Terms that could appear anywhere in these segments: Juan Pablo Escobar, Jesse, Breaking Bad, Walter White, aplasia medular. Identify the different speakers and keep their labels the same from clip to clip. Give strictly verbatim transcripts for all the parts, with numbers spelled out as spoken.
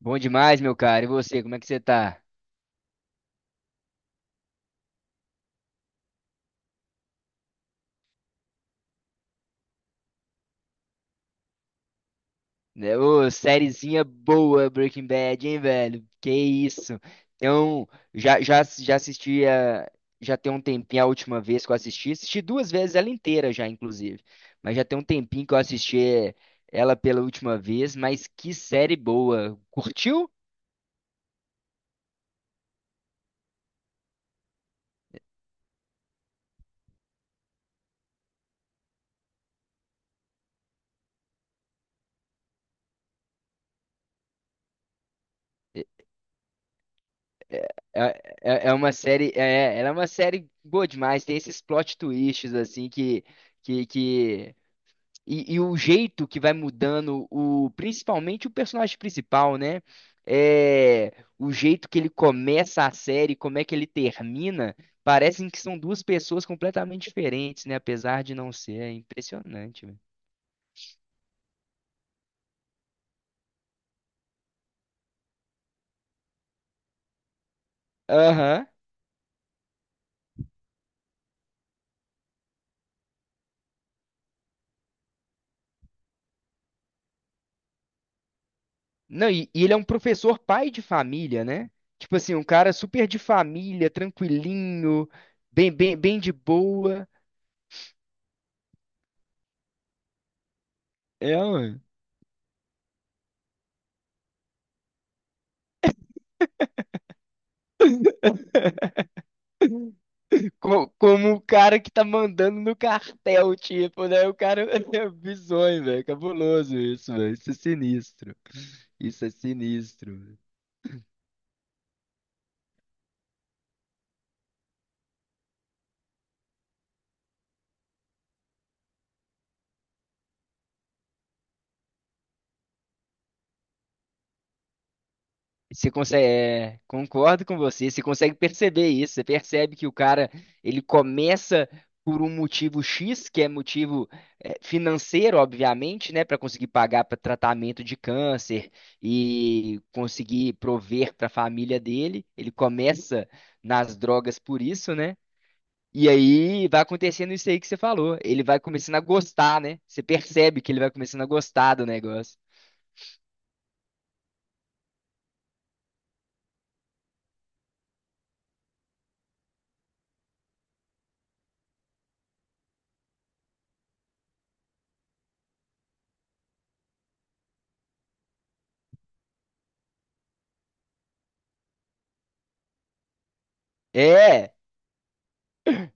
Speaker 1: Bom demais, meu cara. E você, como é que você tá? Né, ô, sériezinha boa, Breaking Bad, hein, velho? Que isso? Então, já, já, já assisti a- já tem um tempinho a última vez que eu assisti. Assisti duas vezes ela inteira já, inclusive. Mas já tem um tempinho que eu assisti é, ela pela última vez, mas que série boa. Curtiu? É, é, é é uma série, é, ela é uma série boa demais. Tem esses plot twists assim que que, que E, e o jeito que vai mudando, o principalmente o personagem principal, né? É, o jeito que ele começa a série, como é que ele termina, parecem que são duas pessoas completamente diferentes, né? Apesar de não ser, é impressionante, velho. Aham. Não, e, e ele é um professor pai de família, né? Tipo assim, um cara super de família, tranquilinho, bem, bem, bem de boa. É, mano. Co- Como o cara que tá mandando no cartel, tipo, né? O cara é bizonho, velho. Cabuloso isso, velho. Isso é sinistro. Isso é sinistro, velho. Você consegue, é, concordo com você. Você consegue perceber isso. Você percebe que o cara, ele começa por um motivo X, que é motivo é, financeiro, obviamente, né, para conseguir pagar para tratamento de câncer e conseguir prover para a família dele. Ele começa nas drogas por isso, né? E aí vai acontecendo isso aí que você falou. Ele vai começando a gostar, né? Você percebe que ele vai começando a gostar do negócio. É,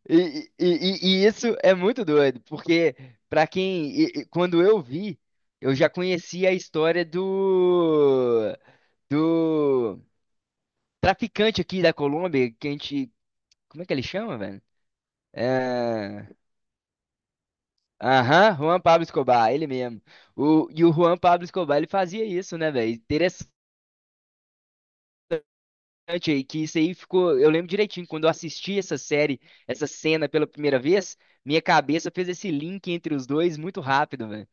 Speaker 1: e, e- e- e isso é muito doido, porque pra quem, e- e quando eu vi, eu já conhecia a história do do traficante aqui da Colômbia, que a gente, como é que ele chama, velho? É, Aham, Juan Pablo Escobar, ele mesmo. O, e o Juan Pablo Escobar, ele fazia isso, né, velho? Impressionante aí, que isso aí ficou. Eu lembro direitinho, quando eu assisti essa série, essa cena pela primeira vez, minha cabeça fez esse link entre os dois muito rápido, velho.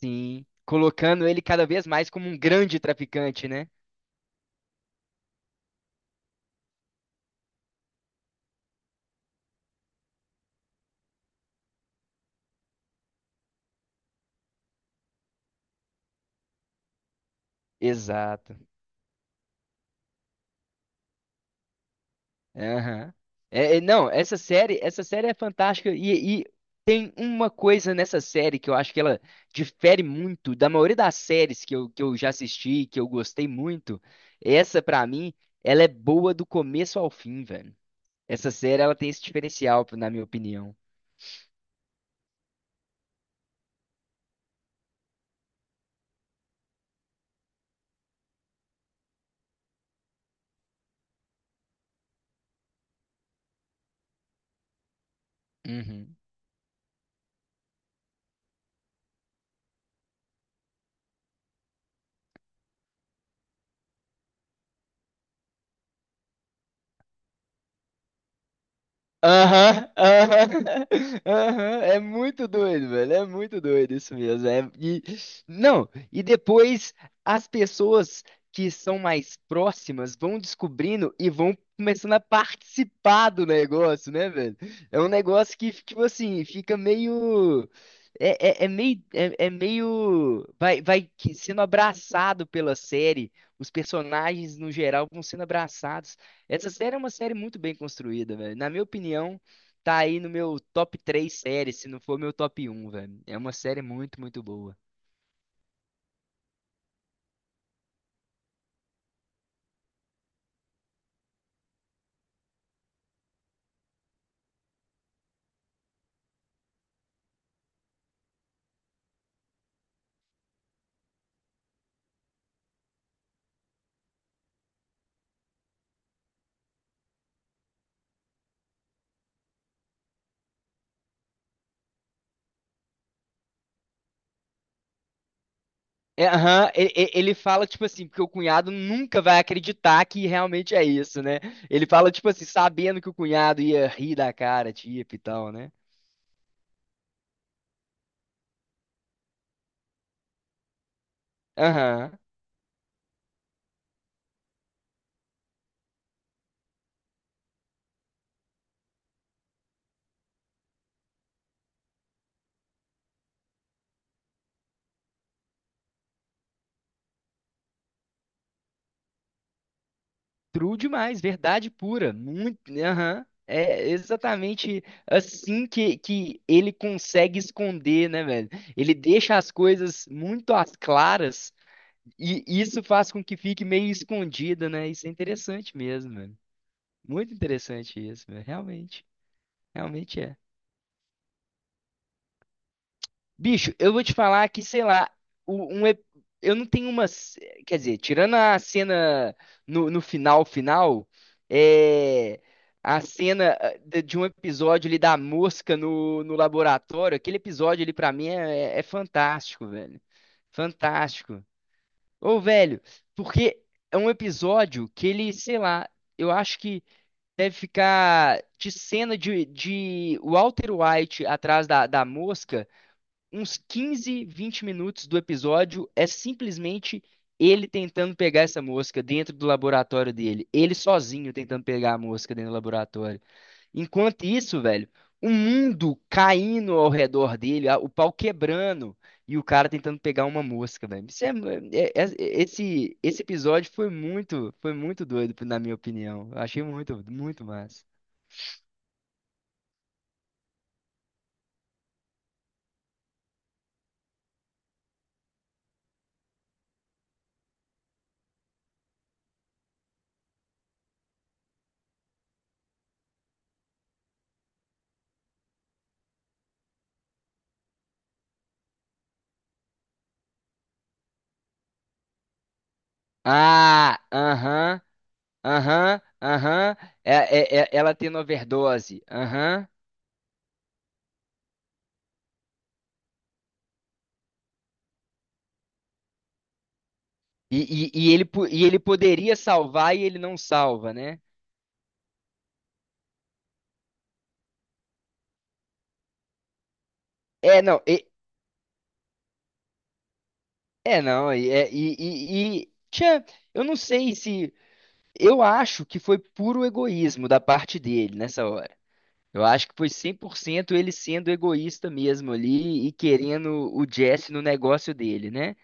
Speaker 1: Sim. Colocando ele cada vez mais como um grande traficante, né? Exato. Aham. É, é, não, essa série, essa série é fantástica e, e tem uma coisa nessa série que eu acho que ela difere muito da maioria das séries que eu, que eu já assisti, que eu gostei muito. Essa, pra mim, ela é boa do começo ao fim, velho. Essa série, ela tem esse diferencial, na minha opinião. Uhum. Aham, aham, aham, é muito doido, velho, é muito doido isso mesmo. É- e, não, e depois as pessoas que são mais próximas vão descobrindo e vão começando a participar do negócio, né, velho? É um negócio que, tipo assim, fica meio. É, é, é meio. É, é meio. Vai, vai que- sendo abraçado pela série, os personagens no geral vão sendo abraçados. Essa série é uma série muito bem construída, velho. Na minha opinião, tá aí no meu top três séries, se não for meu top um, velho. É uma série muito, muito boa. É, aham, ele, ele- ele fala, tipo assim, porque o cunhado nunca vai acreditar que realmente é isso, né? Ele fala, tipo assim, sabendo que o cunhado ia rir da cara, tipo, e tal, né? Aham. True demais, verdade pura, muito, aham. É exatamente assim que, que ele consegue esconder, né, velho? Ele deixa as coisas muito às claras e isso faz com que fique meio escondida, né? Isso é interessante mesmo, velho. Muito interessante isso, velho. Realmente, realmente é. Bicho, eu vou te falar que, sei lá, o- um, ep- eu não tenho uma. ce- Quer dizer, tirando a cena no, no final, final, é. A cena ah, de de um episódio ali da mosca no, no laboratório, aquele episódio ali pra mim é, é fantástico, velho. Fantástico. Ô, velho, porque é um episódio que ele, sei lá, eu acho que deve ficar de cena de, de Walter White atrás da, da mosca uns quinze, vinte minutos do episódio é simplesmente ele tentando pegar essa mosca dentro do laboratório dele. Ele sozinho tentando pegar a mosca dentro do laboratório. Enquanto isso, velho, o mundo caindo ao redor dele, a- o pau quebrando e o cara tentando pegar uma mosca, velho. Isso é- é- é- esse, esse episódio foi muito, foi muito doido, na minha opinião. Eu achei muito, muito massa. Ah, aham. Aham, aham. É, é- é- ela tendo overdose. Aham. E, e, e ele, po- e ele poderia salvar e ele não salva, né? É, não. e- é, não. E, é- e, e, e- tchã, eu não sei se. Eu acho que foi puro egoísmo da parte dele nessa hora. Eu acho que foi cem por cento ele sendo egoísta mesmo ali e querendo o Jesse no negócio dele, né?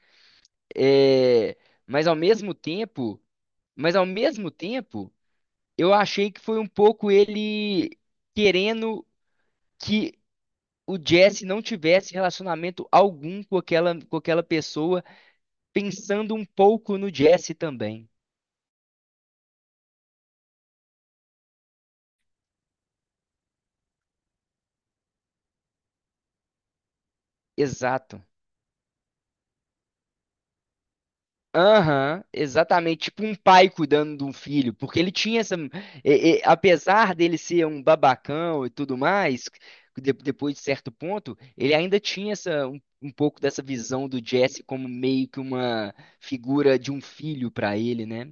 Speaker 1: É, mas ao mesmo tempo. Mas ao mesmo tempo. Eu achei que foi um pouco ele querendo que o Jesse não tivesse relacionamento algum com aquela, com aquela pessoa, pensando um pouco no Jesse também. Exato. Aham, exatamente. Tipo um pai cuidando de um filho, porque ele tinha essa. E- e- apesar dele ser um babacão e tudo mais, de- depois de certo ponto, ele ainda tinha essa, um, um pouco dessa visão do Jesse como meio que uma figura de um filho pra ele, né?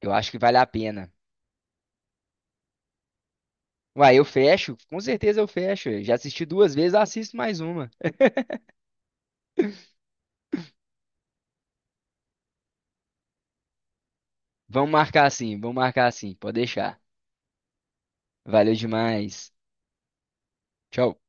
Speaker 1: Eu acho que vale a pena. Uai, eu fecho, com certeza eu fecho. Eu já assisti duas vezes, assisto mais uma. Vamos marcar assim, vamos marcar assim, pode deixar. Valeu demais. Tchau.